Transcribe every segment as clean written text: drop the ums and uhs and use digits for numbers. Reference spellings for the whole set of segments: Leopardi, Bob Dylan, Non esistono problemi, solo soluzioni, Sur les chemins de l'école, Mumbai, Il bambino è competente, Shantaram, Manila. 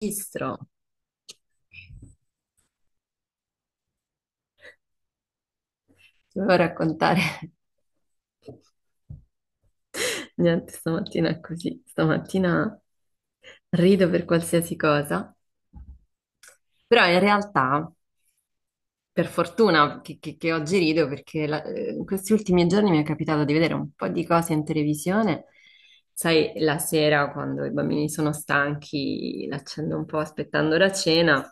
Registro, ti volevo raccontare, niente, stamattina è così, stamattina rido per qualsiasi cosa, però in realtà, per fortuna che oggi rido, perché in questi ultimi giorni mi è capitato di vedere un po' di cose in televisione, sai, la sera quando i bambini sono stanchi, l'accendo un po' aspettando la cena.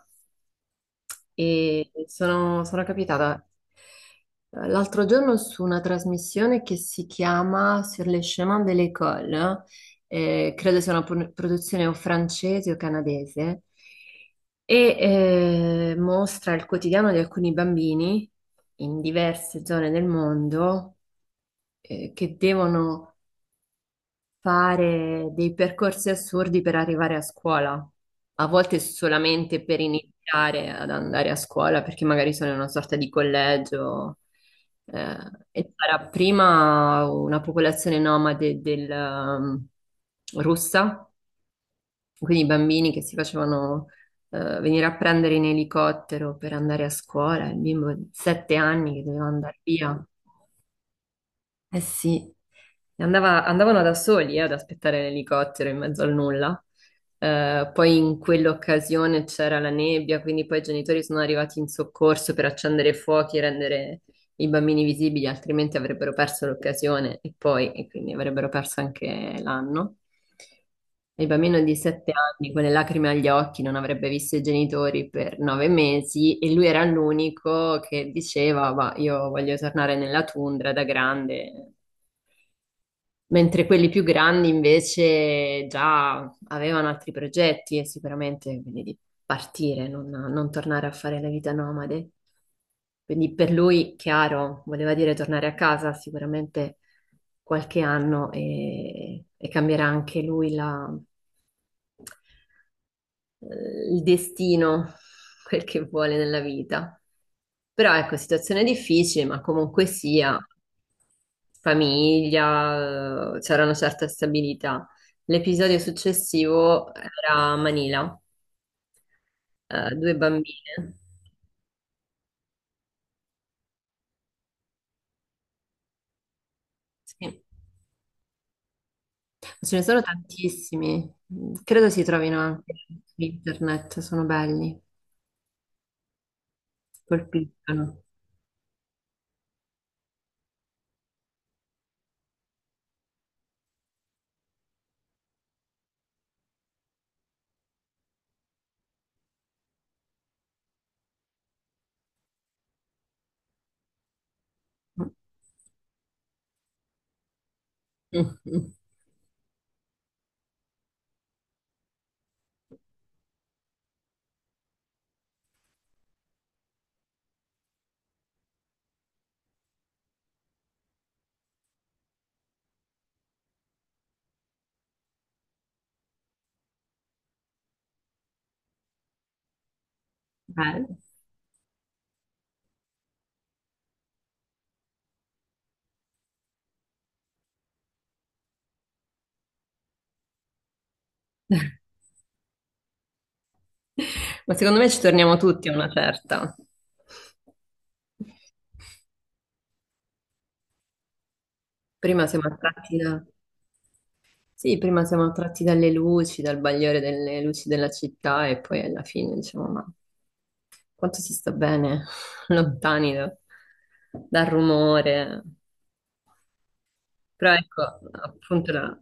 E sono capitata l'altro giorno su una trasmissione che si chiama Sur les chemins de l'école, credo sia una produzione o francese o canadese, e mostra il quotidiano di alcuni bambini in diverse zone del mondo, che devono fare dei percorsi assurdi per arrivare a scuola, a volte solamente per iniziare ad andare a scuola, perché magari sono in una sorta di collegio, eh, e sarà prima una popolazione nomade russa, quindi i bambini che si facevano venire a prendere in elicottero per andare a scuola, il bimbo di 7 anni che doveva andare via. Eh sì, e andavano da soli, ad aspettare l'elicottero in mezzo al nulla. Poi in quell'occasione c'era la nebbia, quindi poi i genitori sono arrivati in soccorso per accendere i fuochi e rendere i bambini visibili, altrimenti avrebbero perso l'occasione e poi, e quindi avrebbero perso anche l'anno. E il bambino di 7 anni con le lacrime agli occhi non avrebbe visto i genitori per 9 mesi, e lui era l'unico che diceva: ma io voglio tornare nella tundra da grande, mentre quelli più grandi invece già avevano altri progetti e sicuramente quindi di partire, non tornare a fare la vita nomade. Quindi per lui, chiaro, voleva dire tornare a casa sicuramente qualche anno e cambierà anche lui la, il destino, quel che vuole nella vita. Però ecco, situazione difficile, ma comunque sia, famiglia, c'era una certa stabilità. L'episodio successivo era a Manila, due bambine. Sì. Ce ne sono tantissimi, credo si trovino anche su internet, sono belli, colpiscono. Bello. Ma secondo me ci torniamo tutti a una certa. Prima siamo attratti da... Sì, prima siamo attratti dalle luci, dal bagliore delle luci della città, e poi alla fine diciamo: ma quanto si sta bene lontani dal rumore. Però ecco, appunto la,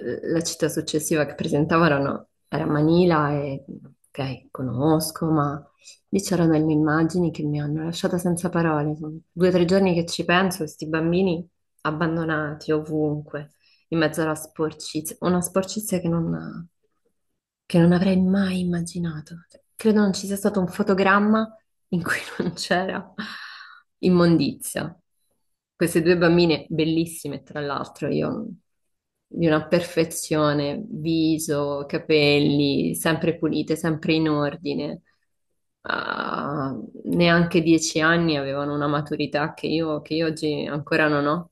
la città successiva che presentavano era Manila, e ok, conosco, ma lì c'erano delle immagini che mi hanno lasciata senza parole. Sono 2 o 3 giorni che ci penso, questi bambini abbandonati ovunque, in mezzo alla sporcizia, una sporcizia che non avrei mai immaginato. Cioè, credo non ci sia stato un fotogramma in cui non c'era immondizia. Queste due bambine bellissime, tra l'altro, io di una perfezione, viso, capelli, sempre pulite, sempre in ordine. Ah, neanche 10 anni, avevano una maturità che io oggi ancora non ho,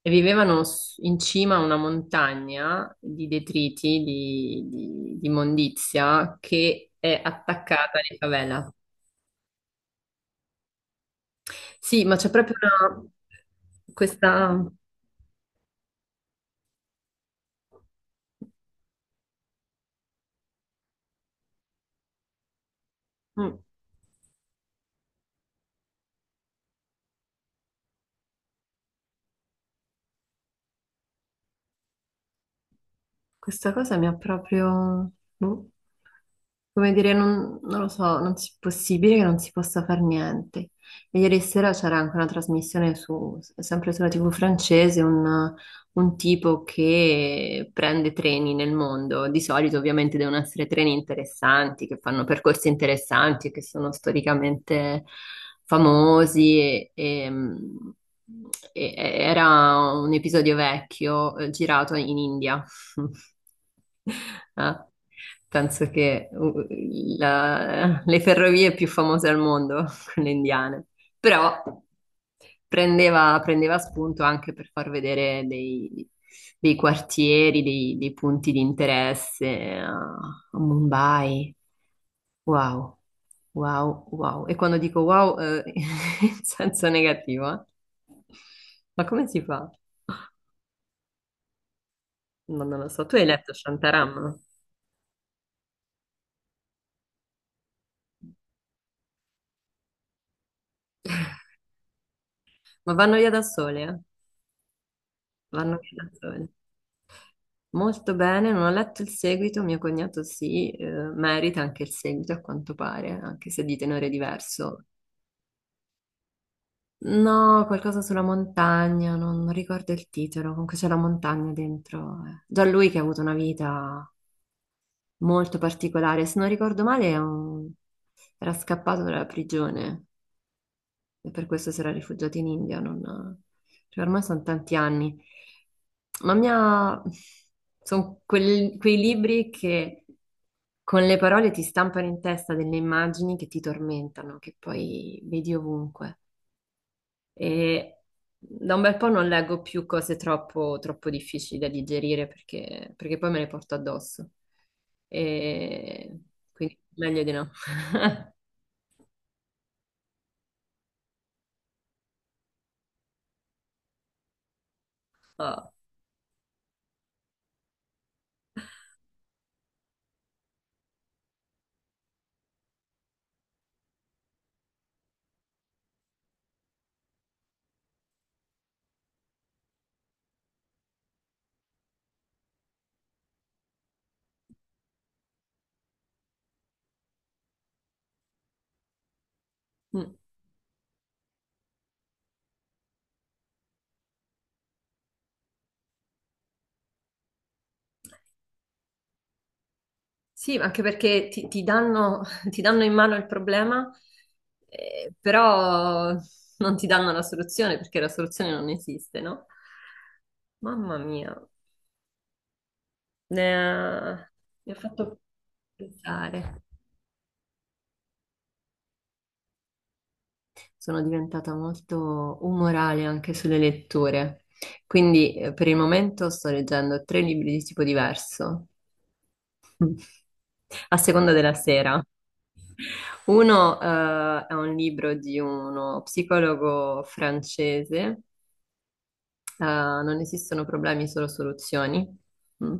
e vivevano in cima a una montagna di detriti, di immondizia, che è attaccata alla favela. Sì, ma c'è proprio una, questa... mm. Questa cosa mi ha proprio... boh, come dire, non lo so, non è possibile che non si possa fare niente. E ieri sera c'era anche una trasmissione su, sempre sulla TV francese, un tipo che prende treni nel mondo. Di solito ovviamente devono essere treni interessanti, che fanno percorsi interessanti e che sono storicamente famosi, era un episodio vecchio, girato in India. Ah, penso che le ferrovie più famose al mondo, quelle indiane, però prendeva spunto anche per far vedere dei, dei, quartieri, dei punti di interesse a Mumbai. Wow, wow, wow. E quando dico wow, in senso negativo, eh? Ma come si fa? Ma non lo so. Tu hai letto Shantaram? Ma vanno via da sole, eh? Vanno via da sole. Molto bene, non ho letto il seguito, mio cognato sì, merita anche il seguito a quanto pare, anche se di tenore diverso. No, qualcosa sulla montagna, non, non ricordo il titolo, comunque c'è la montagna dentro. Eh. Già lui che ha avuto una vita molto particolare. Se non ricordo male, è era scappato dalla prigione e per questo si era rifugiato in India. Non, cioè, ormai sono tanti anni. Ma mia... sono quei libri che con le parole ti stampano in testa delle immagini che ti tormentano, che poi vedi ovunque. E da un bel po' non leggo più cose troppo, troppo difficili da digerire perché, perché poi me le porto addosso. E quindi meglio di no. Ah. Mm. Sì, anche perché ti danno, ti danno in mano il problema, però non ti danno la soluzione perché la soluzione non esiste, no? Mamma mia, ne ha- mi ha fatto pensare. Sono diventata molto umorale anche sulle letture. Quindi per il momento sto leggendo tre libri di tipo diverso, a seconda della sera. Uno, è un libro di uno psicologo francese, Non esistono problemi, solo soluzioni. Mm.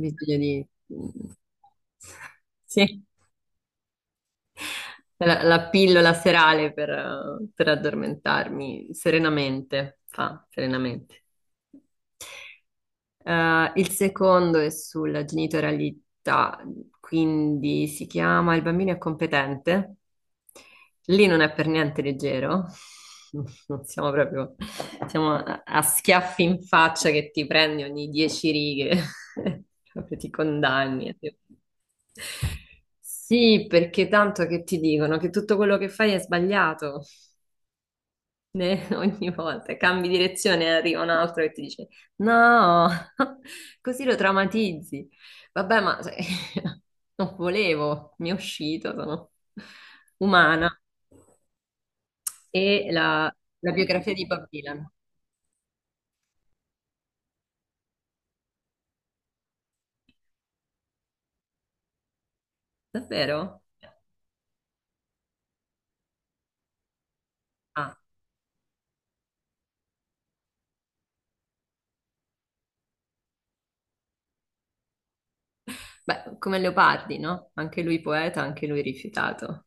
Bisogna di... Sì. La pillola serale per addormentarmi serenamente, fa serenamente. Il secondo è sulla genitorialità, quindi si chiama Il bambino è competente. Lì non è per niente leggero. Non siamo proprio, siamo a schiaffi in faccia che ti prendi ogni 10 righe, proprio ti condanni. Sì, perché tanto che ti dicono che tutto quello che fai è sbagliato. Ne- ogni volta cambi direzione e arriva un altro che ti dice no, così lo traumatizzi. Vabbè, ma non volevo, mi è uscito, sono umana. E la biografia di Bob Dylan, davvero? Ah, beh, come Leopardi, no? Anche lui poeta, anche lui rifiutato.